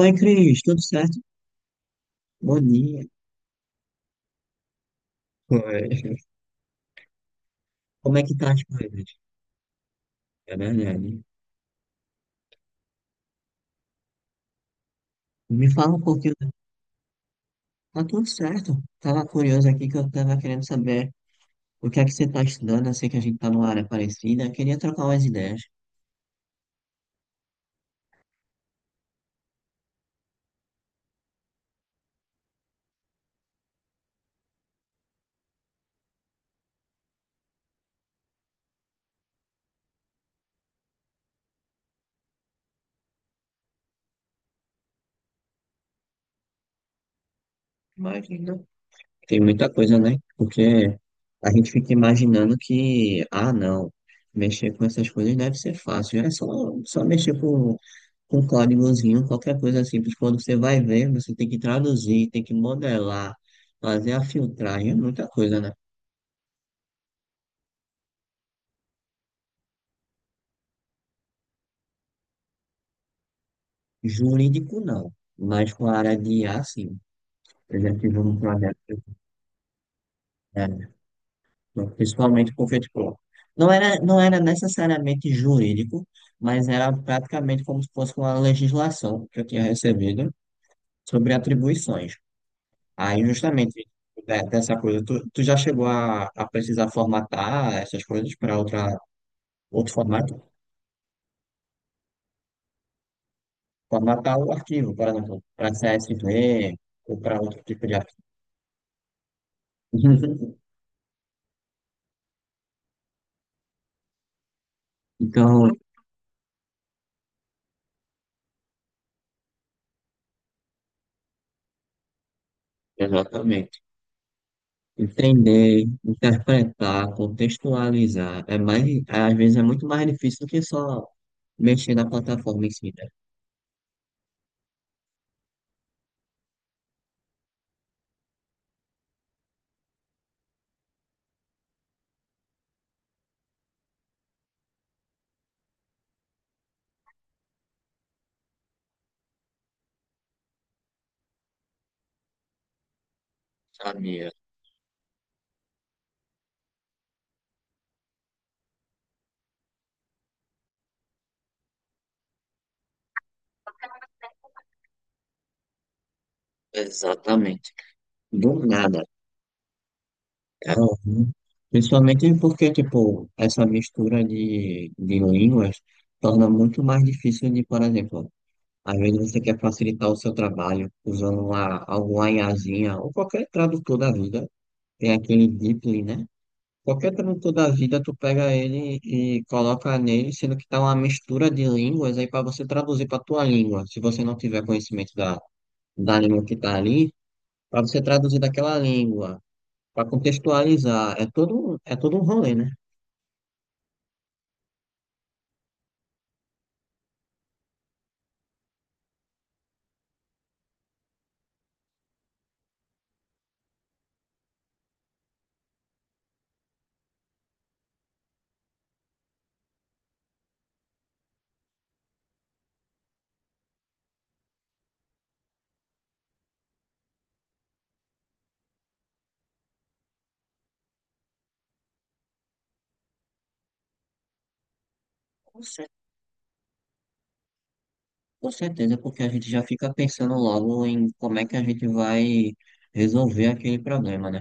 Oi, Cris, tudo certo? Bom dia. Oi. Como é que tá as coisas? É verdade. Me fala um pouquinho. Tá tudo certo. Tava curioso aqui que eu tava querendo saber o que é que você tá estudando. Eu sei que a gente tá numa área parecida. Queria trocar umas ideias. Mas não. Tem muita coisa, né? Porque a gente fica imaginando que, ah, não, mexer com essas coisas deve ser fácil. É só mexer com códigozinho, qualquer coisa simples. Quando você vai ver, você tem que traduzir, tem que modelar, fazer a filtragem, é muita coisa, né? Jurídico não, mas com a área de IA, sim. Eu já tive um projeto, é, principalmente porque, tipo, não era necessariamente jurídico, mas era praticamente como se fosse uma legislação que eu tinha recebido sobre atribuições. Aí, justamente, dessa coisa, tu já chegou a precisar formatar essas coisas para outra outro formato, formatar o arquivo, por exemplo, para CSV ou para outro tipo de arquivo. Então, exatamente. Entender, interpretar, contextualizar, é mais, é, às vezes é muito mais difícil do que só mexer na plataforma em si, né? Sabia, exatamente. Do nada, cara. Uhum. Principalmente porque, tipo, essa mistura de línguas torna muito mais difícil de, por exemplo, às vezes você quer facilitar o seu trabalho usando uma, alguma IAzinha ou qualquer tradutor da vida. Tem aquele DeepL, né? Qualquer tradutor da vida, tu pega ele e coloca nele, sendo que tá uma mistura de línguas aí para você traduzir para tua língua. Se você não tiver conhecimento da, da língua que tá ali, para você traduzir daquela língua, para contextualizar, é todo um rolê, né? Com cer- com certeza, porque a gente já fica pensando logo em como é que a gente vai resolver aquele problema, né?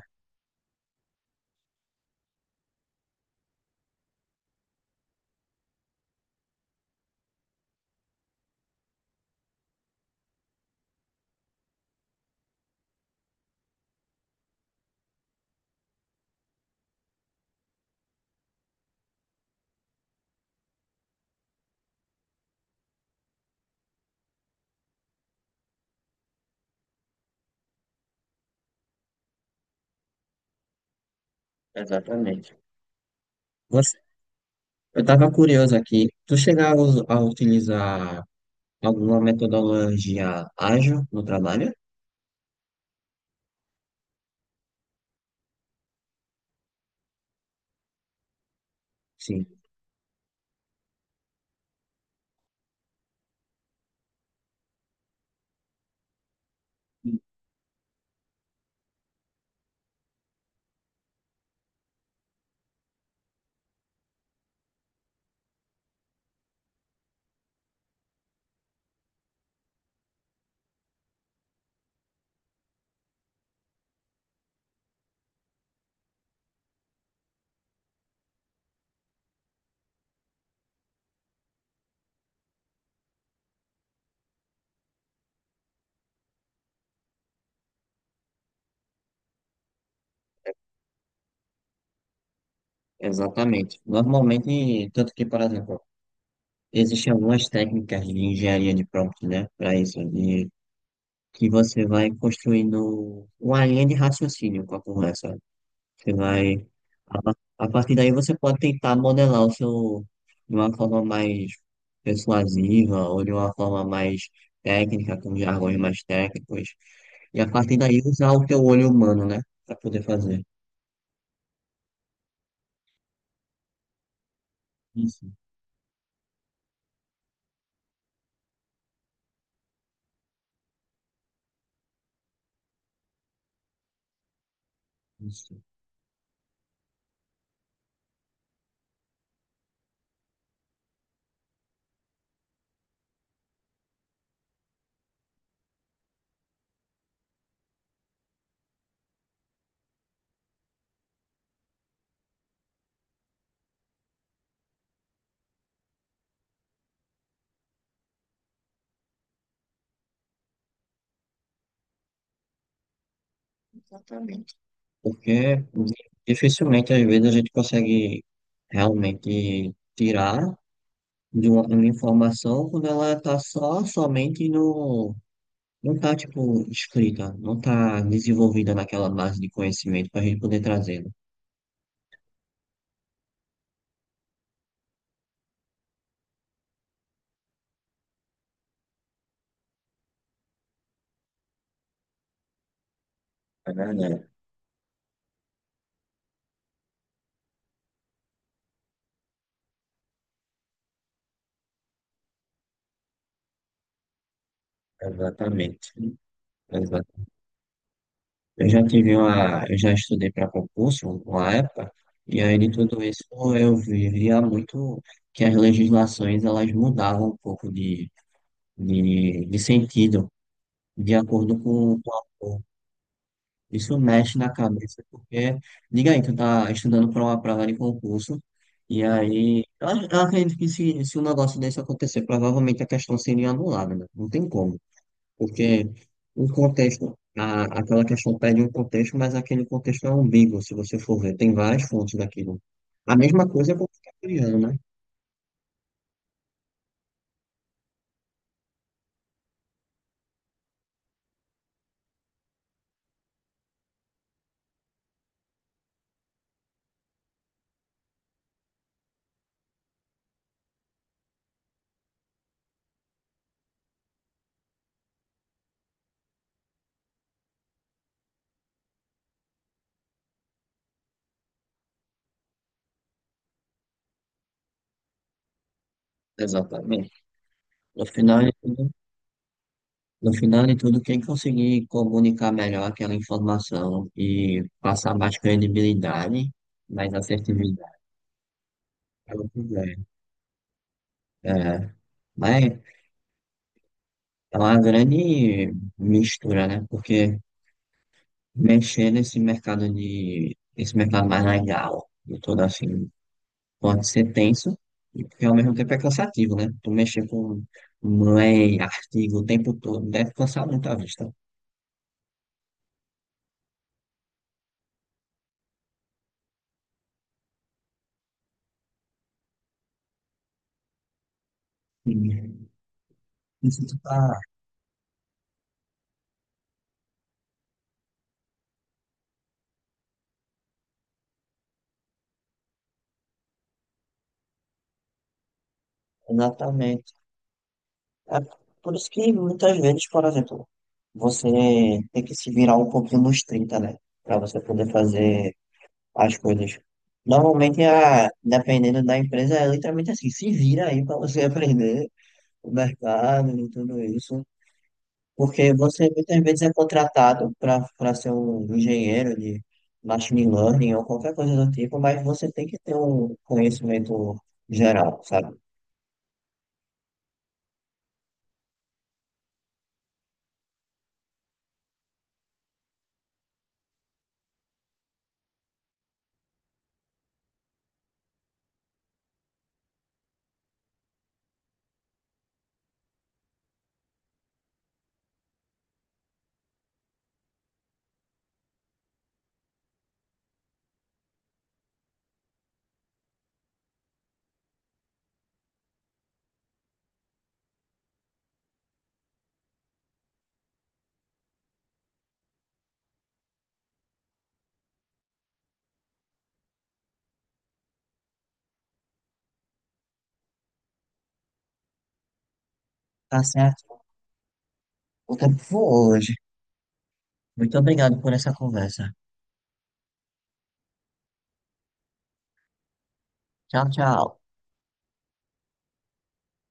Exatamente. Você- eu estava curioso aqui. Tu chega a utilizar alguma metodologia ágil no trabalho? Sim. Exatamente. Normalmente, tanto que, por exemplo, existem algumas técnicas de engenharia de prompt, né, para isso, de que você vai construindo uma linha de raciocínio com a conversa. Você vai. A partir daí você pode tentar modelar o seu de uma forma mais persuasiva ou de uma forma mais técnica, com jargões mais técnicos. E a partir daí usar o teu olho humano, né? Pra poder fazer. Isso, isso. Exatamente. Porque dificilmente, às vezes, a gente consegue realmente tirar de uma informação quando ela está só somente no. Não tá, tipo, escrita, não tá desenvolvida naquela base de conhecimento para a gente poder trazê-lo. É verdade, exatamente. Exato. Eu já tive uma, eu já estudei para concurso uma época, e aí de tudo isso eu via muito que as legislações elas mudavam um pouco de, de sentido, de acordo com isso mexe na cabeça, porque, diga aí, tu tá estudando para uma prova de concurso, e aí, eu, eu acredito que se um negócio desse acontecer, provavelmente a questão seria anulada, né? Não tem como, porque o contexto, aquela questão pede um contexto, mas aquele contexto é ambíguo, se você for ver, tem várias fontes daquilo. A mesma coisa é com o criando, né? Exatamente. No final, No final de tudo, quem conseguir comunicar melhor aquela informação e passar mais credibilidade, mais assertividade, ela tiver. É, mas é uma grande mistura, né? Porque mexer nesse mercado de, esse mercado mais legal e todo assim, pode ser tenso, e porque ao mesmo tempo é cansativo, né? Tu mexer com lei, artigo o tempo todo, deve cansar muito a vista. Sim. Isso tu tá exatamente. É por isso que muitas vezes, por exemplo, você tem que se virar um pouquinho nos 30, né? Para você poder fazer as coisas. Normalmente, a, dependendo da empresa, é literalmente assim, se vira aí para você aprender o mercado e tudo isso. Porque você muitas vezes é contratado para ser um engenheiro de machine learning ou qualquer coisa do tipo, mas você tem que ter um conhecimento geral, sabe? Tá certo. O tempo foi hoje. Muito obrigado por essa conversa. Tchau, tchau.